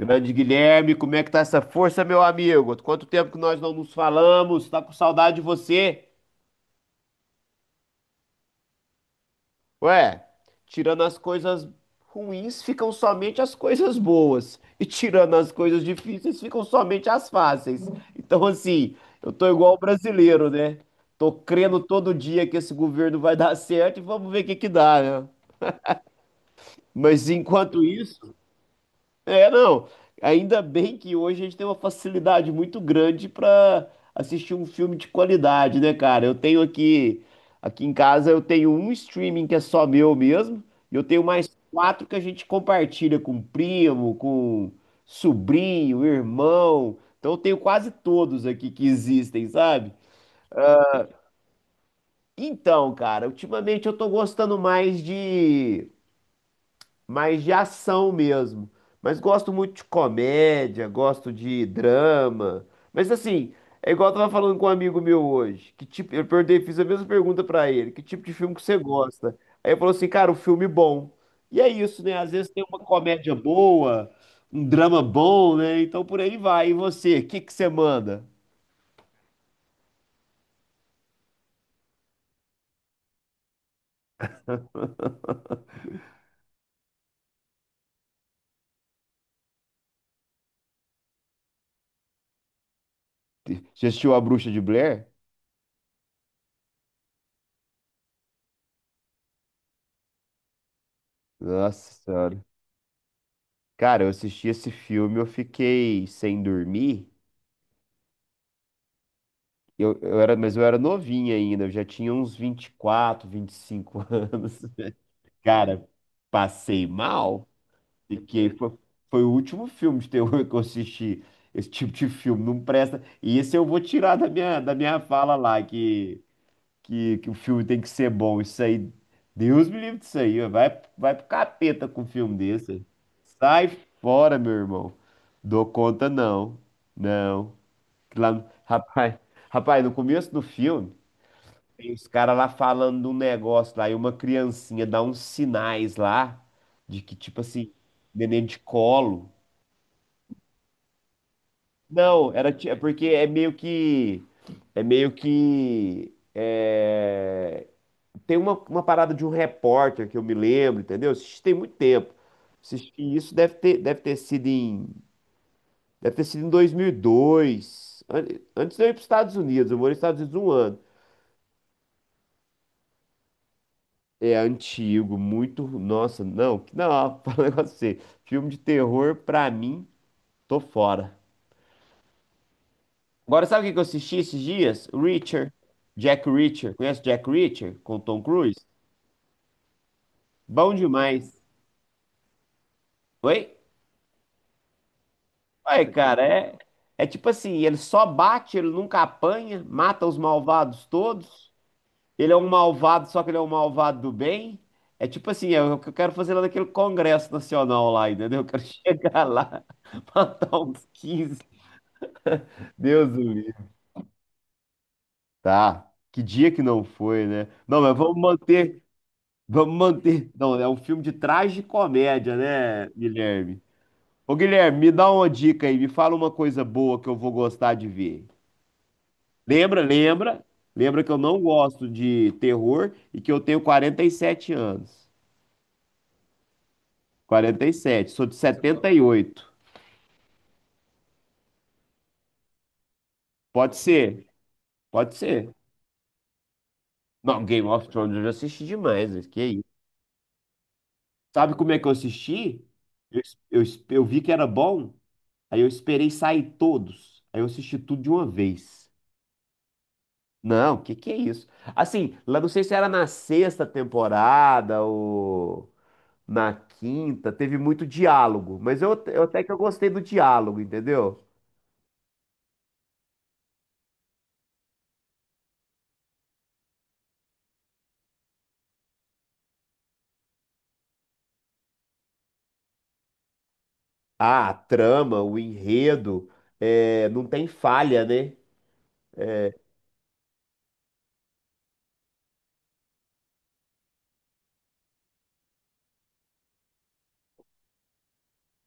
Grande Guilherme, como é que tá essa força, meu amigo? Quanto tempo que nós não nos falamos? Tá com saudade de você? Ué, tirando as coisas ruins, ficam somente as coisas boas. E tirando as coisas difíceis, ficam somente as fáceis. Então, assim, eu tô igual o brasileiro, né? Tô crendo todo dia que esse governo vai dar certo e vamos ver o que que dá, né? Mas enquanto isso, é, não. Ainda bem que hoje a gente tem uma facilidade muito grande para assistir um filme de qualidade, né, cara? Eu tenho aqui em casa, eu tenho um streaming que é só meu mesmo, e eu tenho mais quatro que a gente compartilha com primo, com sobrinho, irmão. Então eu tenho quase todos aqui que existem, sabe? Então, cara, ultimamente eu tô gostando mais de ação mesmo. Mas gosto muito de comédia, gosto de drama. Mas assim, é igual eu tava falando com um amigo meu hoje, que tipo, eu perguntei, fiz a mesma pergunta pra ele, que tipo de filme que você gosta? Aí ele falou assim, cara, um filme bom. E é isso, né? Às vezes tem uma comédia boa, um drama bom, né? Então por aí vai. E você, o que que você manda? Já assistiu A Bruxa de Blair? Nossa Senhora. Cara, eu assisti esse filme, eu fiquei sem dormir. Eu era, mas eu era novinho ainda, eu já tinha uns vinte vinte e quatro vinte e cinco anos. Cara, passei mal, porque foi o último filme de terror que eu assisti. Esse tipo de filme não presta. E esse eu vou tirar da minha fala lá, que o filme tem que ser bom. Isso aí, Deus me livre disso aí. Vai, vai pro capeta com um filme desse. Sai fora, meu irmão. Dou conta, não. Não. Lá, rapaz, no começo do filme. Tem os caras lá falando de um negócio lá, e uma criancinha dá uns sinais lá, de que, tipo assim, neném de colo. Não, era é porque é meio que. É meio que. Tem uma parada de um repórter que eu me lembro, entendeu? Assisti tem muito tempo. Assisti isso, deve ter sido em. Deve ter sido em 2002. Antes de eu ir para os Estados Unidos, eu morei nos Estados Unidos um ano. É antigo, muito. Nossa, não, não, fala um negócio pra você. Filme de terror, pra mim, tô fora. Agora, sabe o que que eu assisti esses dias? Reacher. Jack Reacher. Conhece Jack Reacher com Tom Cruise? Bom demais. Oi? Ué, cara, é tipo assim: ele só bate, ele nunca apanha, mata os malvados todos. Ele é um malvado, só que ele é um malvado do bem. É tipo assim: é o que eu quero fazer lá naquele Congresso Nacional lá, entendeu? Eu quero chegar lá. Matar uns 15 Deus do livro. Tá. Que dia que não foi, né? Não, mas vamos manter. Vamos manter. Não, é um filme de tragicomédia, né, Guilherme? Ô, Guilherme, me dá uma dica aí. Me fala uma coisa boa que eu vou gostar de ver. Lembra, lembra? Lembra que eu não gosto de terror e que eu tenho 47 anos. 47. Sou de 78. Pode ser. Pode ser. Não, Game of Thrones eu já assisti demais. Mas que isso? Sabe como é que eu assisti? Eu, eu, eu vi que era bom. Aí eu esperei sair todos. Aí eu assisti tudo de uma vez. Não, que é isso? Assim, lá não sei se era na sexta temporada ou na quinta, teve muito diálogo, mas eu até que eu gostei do diálogo, entendeu? Ah, a trama, o enredo, é, não tem falha, né?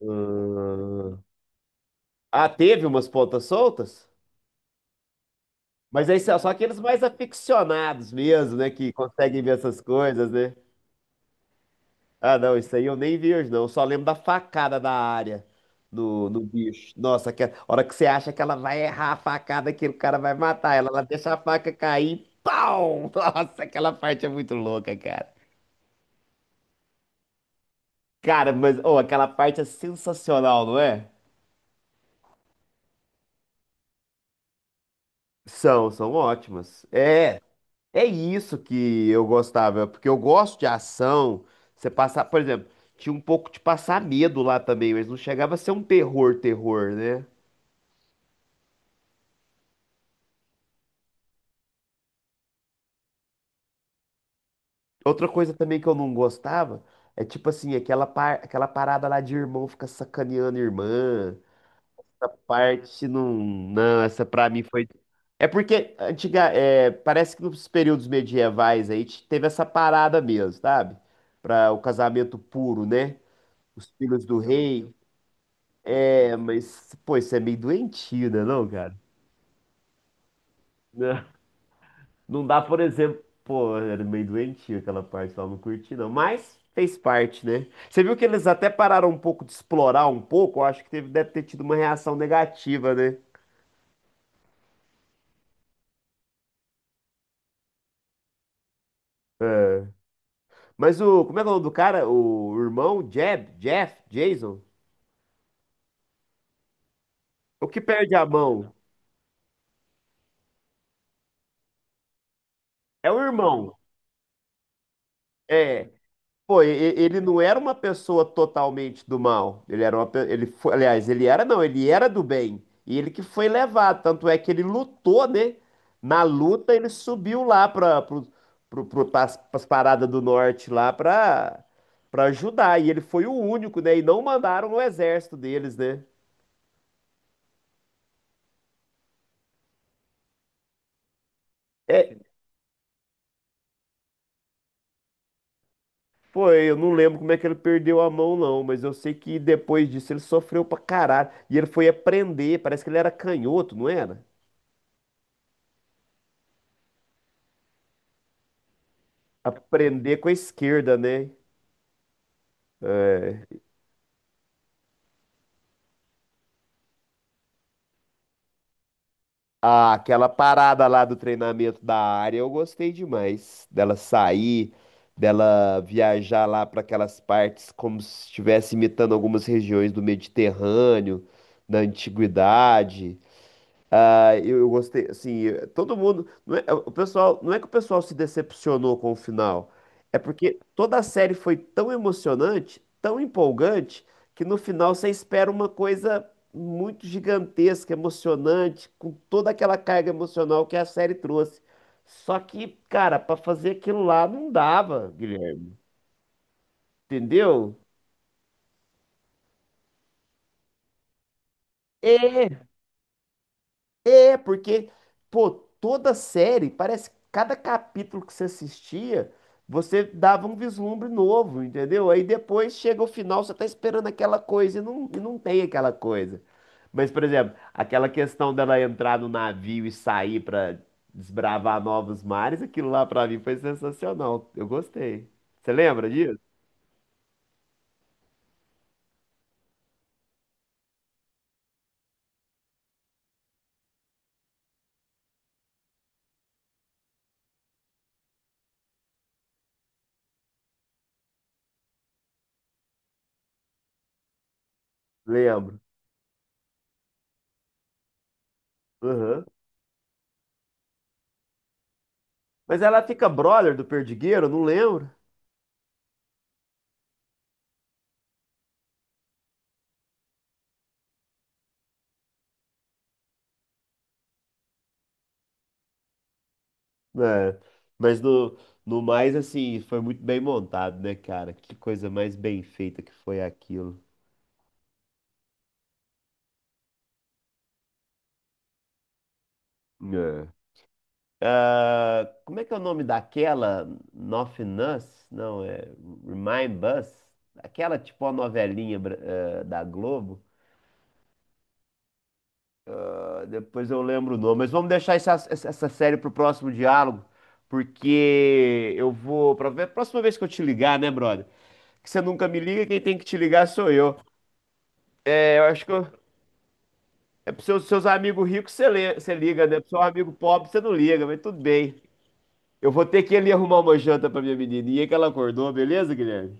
Hum. Ah, teve umas pontas soltas? Mas aí são só aqueles mais aficionados mesmo, né? Que conseguem ver essas coisas, né? Ah, não, isso aí eu nem vi hoje, não. Eu só lembro da facada da área no bicho. Nossa, que, a hora que você acha que ela vai errar a facada, que o cara vai matar ela, ela deixa a faca cair, pau! Nossa, aquela parte é muito louca, cara. Cara, mas, oh, aquela parte é sensacional, não é? São, são ótimas. É, isso que eu gostava, porque eu gosto de ação. Você passar, por exemplo, tinha um pouco de passar medo lá também, mas não chegava a ser um terror, terror, né? Outra coisa também que eu não gostava é tipo assim, aquela parada lá de irmão ficar sacaneando irmã. Essa parte não. Não, essa pra mim foi. É porque é, parece que nos períodos medievais aí teve essa parada mesmo, sabe? Para o casamento puro, né? Os filhos do rei. É, mas, pô, isso é meio doentio, né, não, cara? Não dá, por exemplo, pô, era meio doentio aquela parte lá, não curti não, mas fez parte, né? Você viu que eles até pararam um pouco de explorar um pouco, eu acho que teve, deve ter tido uma reação negativa, né? Mas o, como é que é o nome do cara? O irmão, Jeb, Jeff, Jason? O que perde a mão? É o irmão. É. Pô, ele não era uma pessoa totalmente do mal. Ele era uma, ele foi, aliás, ele era não, ele era do bem. E ele que foi levado, tanto é que ele lutou, né? Na luta ele subiu lá para pras paradas do norte lá para ajudar. E ele foi o único, né? E não mandaram o exército deles, né? É, foi, eu não lembro como é que ele perdeu a mão, não, mas eu sei que depois disso ele sofreu pra caralho. E ele foi aprender, parece que ele era canhoto, não era? Aprender com a esquerda, né? Ah, aquela parada lá do treinamento da área, eu gostei demais. Dela sair, dela viajar lá para aquelas partes como se estivesse imitando algumas regiões do Mediterrâneo, da antiguidade. Ah, eu gostei, assim, todo mundo, não é, o pessoal, não é que o pessoal se decepcionou com o final, é porque toda a série foi tão emocionante, tão empolgante, que no final você espera uma coisa muito gigantesca, emocionante, com toda aquela carga emocional que a série trouxe. Só que, cara, pra fazer aquilo lá não dava, Guilherme, entendeu? É, porque, pô, toda série, parece que cada capítulo que você assistia, você dava um vislumbre novo, entendeu? Aí depois chega o final, você tá esperando aquela coisa e não tem aquela coisa. Mas, por exemplo, aquela questão dela entrar no navio e sair pra desbravar novos mares, aquilo lá pra mim foi sensacional. Eu gostei. Você lembra disso? Lembro. Aham. Mas ela fica brother do Perdigueiro, eu não lembro. É, mas no mais, assim, foi muito bem montado, né, cara? Que coisa mais bem feita que foi aquilo. É. Ah, como é que é o nome daquela? Nothing Us? Não, é Remind Us? Aquela tipo a novelinha da Globo. Ah, depois eu lembro o nome, mas vamos deixar essa série pro próximo diálogo, porque eu vou. Pra ver, próxima vez que eu te ligar, né, brother? Que você nunca me liga, quem tem que te ligar sou eu. É, eu acho que eu, é para os seus amigos ricos você você liga, né? Para seu amigo pobre você não liga, mas tudo bem. Eu vou ter que ir ali arrumar uma janta para minha menininha que ela acordou, beleza, Guilherme?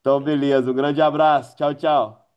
Então, beleza. Um grande abraço. Tchau, tchau.